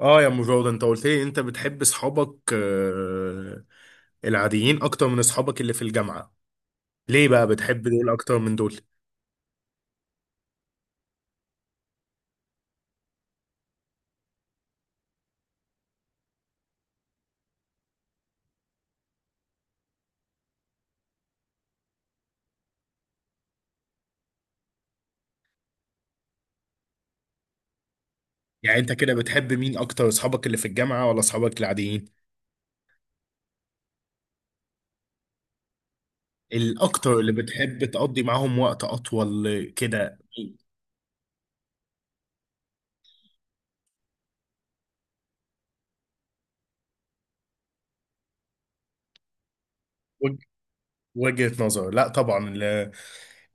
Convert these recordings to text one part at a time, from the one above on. اه يا ام جوده، انت قلت لي انت بتحب اصحابك العاديين اكتر من اصحابك اللي في الجامعه. ليه بقى بتحب دول اكتر من دول؟ يعني انت كده بتحب مين اكتر، اصحابك اللي في الجامعه ولا اصحابك العاديين؟ الاكتر اللي بتحب تقضي معاهم وقت اطول كده. وج- وجهه نظر، لا طبعا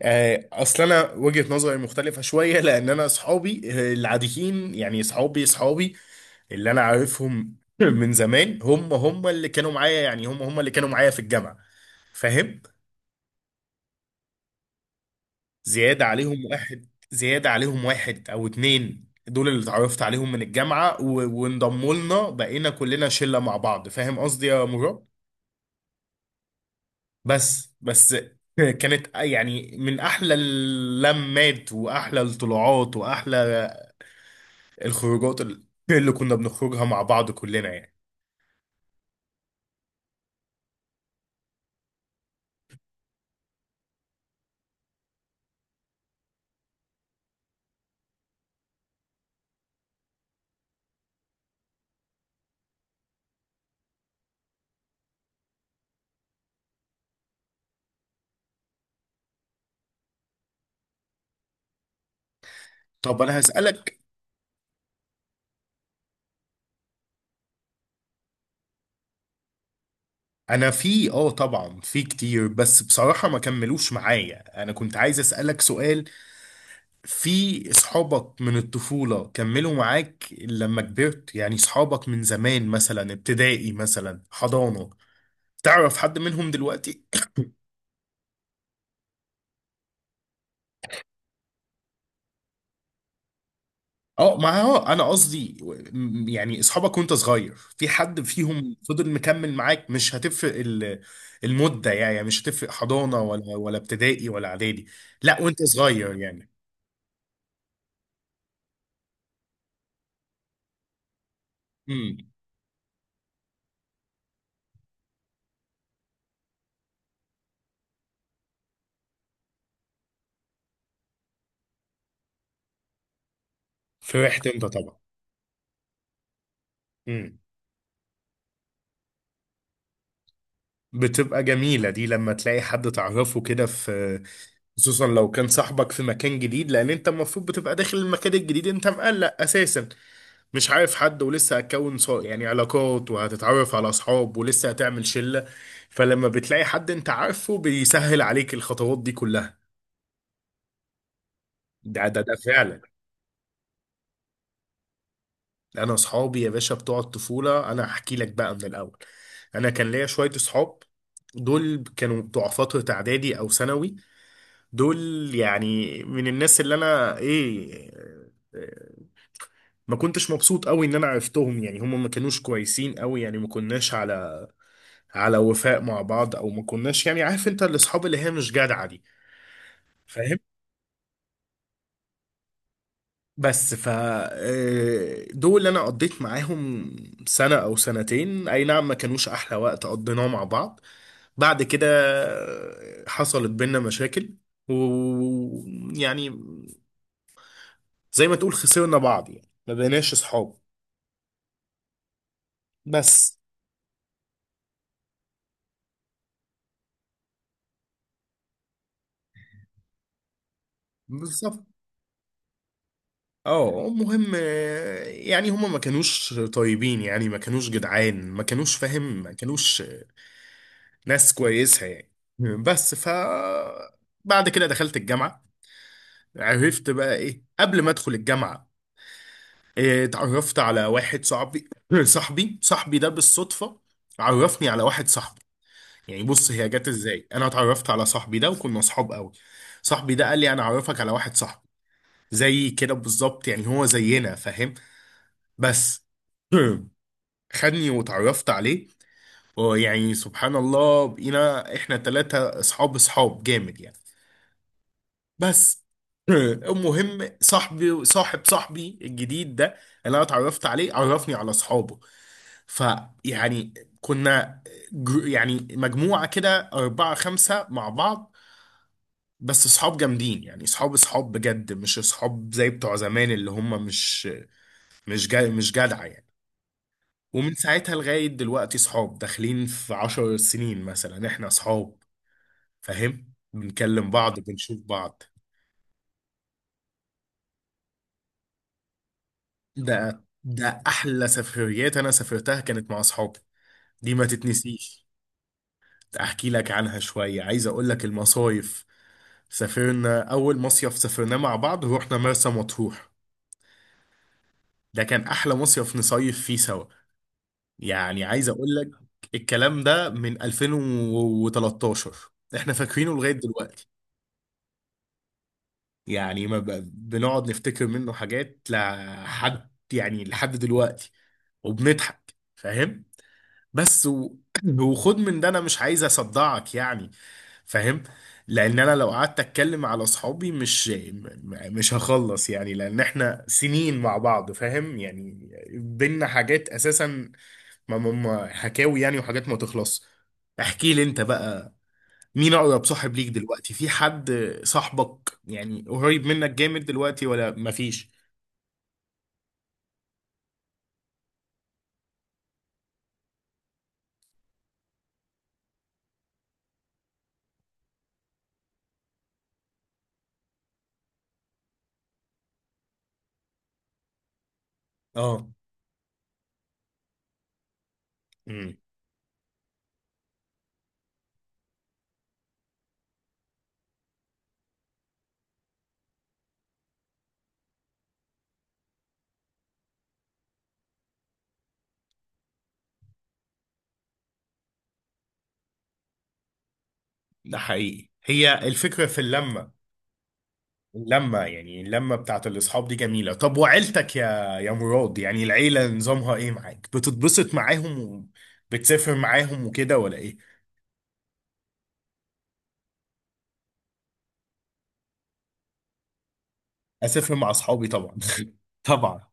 اصل انا وجهه نظري مختلفه شويه، لان انا اصحابي العاديين يعني اصحابي اللي انا عارفهم من زمان، هم هم اللي كانوا معايا يعني هم هم اللي كانوا معايا في الجامعة، فاهم. زيادة عليهم واحد، زيادة عليهم واحد او اتنين، دول اللي اتعرفت عليهم من الجامعة وانضموا لنا، بقينا كلنا شلة مع بعض، فاهم قصدي يا مراد. بس بس كانت يعني من احلى اللمات واحلى الطلوعات واحلى الخروجات اللي كنا بنخرجها مع بعض كلنا يعني. طب انا هسألك، انا في طبعا في كتير بس بصراحة ما كملوش معايا، انا كنت عايز اسألك سؤال. في اصحابك من الطفولة كملوا معاك لما كبرت؟ يعني اصحابك من زمان، مثلا ابتدائي، مثلا حضانة، تعرف حد منهم دلوقتي؟ اه ما هو انا قصدي يعني اصحابك وانت صغير، في حد فيهم فضل مكمل معاك؟ مش هتفرق المدة، يعني مش هتفرق حضانة ولا ابتدائي ولا اعدادي، لا وانت صغير يعني. امم. فرحت انت طبعا. مم. بتبقى جميلة دي لما تلاقي حد تعرفه كده في، خصوصا لو كان صاحبك في مكان جديد، لأن أنت المفروض بتبقى داخل المكان الجديد أنت مقلق أساسا، مش عارف حد، ولسه هتكون يعني علاقات، وهتتعرف على أصحاب، ولسه هتعمل شلة. فلما بتلاقي حد أنت عارفه بيسهل عليك الخطوات دي كلها. ده ده ده فعلا. أنا أصحابي يا باشا بتوع الطفولة أنا هحكي لك بقى من الأول. أنا كان ليا شوية أصحاب، دول كانوا بتوع فترة إعدادي أو ثانوي. دول يعني من الناس اللي انا ايه، آه، ما كنتش مبسوط قوي ان انا عرفتهم، يعني هم ما كانوش كويسين قوي، يعني ما كناش على وفاء مع بعض، او ما كناش يعني، عارف انت الاصحاب اللي هي مش جدعة دي، فاهم. بس ف دول انا قضيت معاهم سنة او سنتين، اي نعم، ما كانوش احلى وقت قضيناه مع بعض. بعد كده حصلت بينا مشاكل، ويعني زي ما تقول خسرنا بعض يعني ما بقيناش اصحاب بس. بالظبط. اه المهم يعني هما ما كانوش طيبين، يعني ما كانوش جدعان، ما كانوش فاهم، ما كانوش ناس كويسة يعني. بس ف بعد كده دخلت الجامعة. عرفت بقى ايه قبل ما ادخل الجامعة، اتعرفت على واحد صاحبي صاحبي ده بالصدفة عرفني على واحد صاحبي. يعني بص، هي جت ازاي انا اتعرفت على صاحبي ده وكنا اصحاب قوي. صاحبي ده قال لي انا اعرفك على واحد صاحبي زي كده بالظبط، يعني هو زينا، فاهم. بس خدني وتعرفت عليه، ويعني سبحان الله بقينا احنا ثلاثة اصحاب، اصحاب جامد يعني. بس المهم صاحبي صاحب صاحبي الجديد ده اللي انا اتعرفت عليه عرفني على اصحابه. فيعني كنا يعني مجموعة كده أربعة خمسة مع بعض، بس اصحاب جامدين يعني، اصحاب اصحاب بجد مش اصحاب زي بتوع زمان، اللي هم مش جا مش جدع يعني. ومن ساعتها لغاية دلوقتي صحاب، داخلين في 10 سنين مثلا احنا صحاب، فاهم. بنكلم بعض، بنشوف بعض. ده أحلى سفريات أنا سافرتها كانت مع أصحابي، دي ما تتنسيش. أحكي لك عنها شوية، عايز أقول لك المصايف. سافرنا أول مصيف سافرناه مع بعض، روحنا مرسى مطروح، ده كان أحلى مصيف نصيف فيه سوا، يعني عايز أقول لك. الكلام ده من 2013، احنا فاكرينه لغاية دلوقتي يعني، ما ب- بنقعد نفتكر منه حاجات لحد يعني لحد دلوقتي وبنضحك فاهم. بس و... وخد من ده انا مش عايز اصدعك يعني، فاهم. لان انا لو قعدت اتكلم على اصحابي مش هخلص يعني، لان احنا سنين مع بعض فاهم يعني، بينا حاجات اساسا، حكاوي يعني وحاجات ما تخلص. احكي لي انت بقى مين اقرب صاحب ليك دلوقتي، في حد صاحبك يعني قريب منك جامد دلوقتي ولا مفيش؟ اه. امم. ده حقيقي هي الفكرة في اللمة، اللمة يعني اللمة بتاعت الأصحاب دي جميلة. طب وعيلتك يا مراد، يعني العيلة نظامها إيه معاك؟ بتتبسط معاهم وبتسافر معاهم وكده ولا إيه؟ أسافر مع أصحابي طبعا طبعا.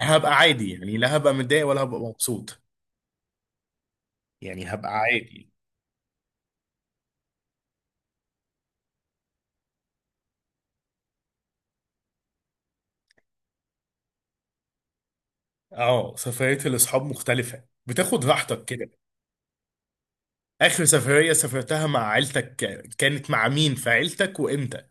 هبقى عادي يعني، لا هبقى متضايق ولا هبقى مبسوط، يعني هبقى عادي. اه سفرية الأصحاب مختلفة، بتاخد راحتك كده. آخر سفرية سافرتها مع عيلتك كانت مع مين في عيلتك وإمتى؟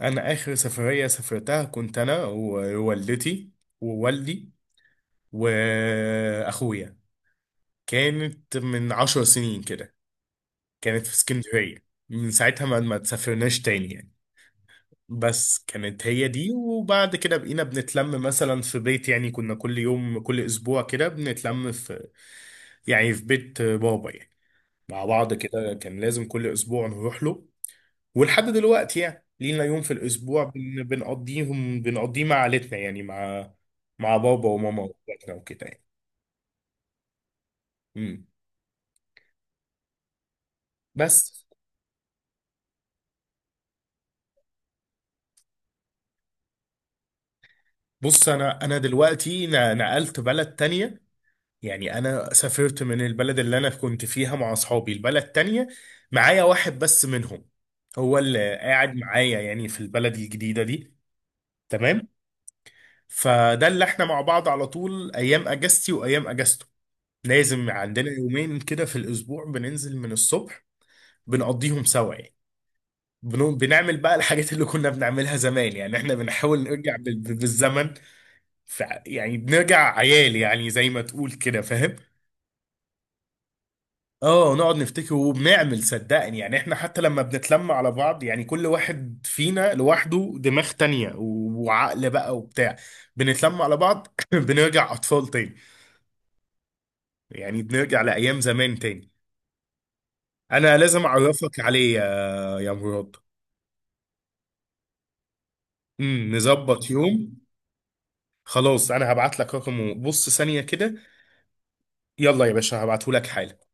أنا آخر سفرية سافرتها كنت أنا ووالدتي ووالدي وأخويا، كانت من 10 سنين كده، كانت في اسكندرية. من ساعتها ما تسافرناش تاني يعني. بس كانت هي دي، وبعد كده بقينا بنتلم مثلا في بيت، يعني كنا كل يوم كل أسبوع كده بنتلم في، يعني في بيت بابا يعني، مع بعض كده كان لازم كل أسبوع نروح له. ولحد دلوقتي يعني لينا يوم في الاسبوع بنقضيه مع عيلتنا، يعني مع بابا وماما واخواتنا وكده يعني. امم. بس. بص انا دلوقتي نقلت بلد تانية، يعني انا سافرت من البلد اللي انا كنت فيها مع اصحابي البلد تانية. معايا واحد بس منهم هو اللي قاعد معايا يعني في البلد الجديدة دي. تمام. فده اللي احنا مع بعض على طول، ايام اجازتي وايام اجازته لازم عندنا يومين كده في الأسبوع بننزل من الصبح بنقضيهم سوا يعني. بنعمل بقى الحاجات اللي كنا بنعملها زمان، يعني احنا بنحاول نرجع بالزمن، ف يعني بنرجع عيال يعني زي ما تقول كده فاهم. اه نقعد نفتكر، وبنعمل صدقني يعني، احنا حتى لما بنتلم على بعض يعني كل واحد فينا لوحده دماغ تانية وعقل بقى وبتاع، بنتلم على بعض بنرجع اطفال تاني، يعني بنرجع لايام زمان تاني. انا لازم اعرفك عليه يا مراد. نظبط يوم. خلاص انا هبعت لك رقمه، بص ثانية كده، يلا يا باشا هبعته لك حالا.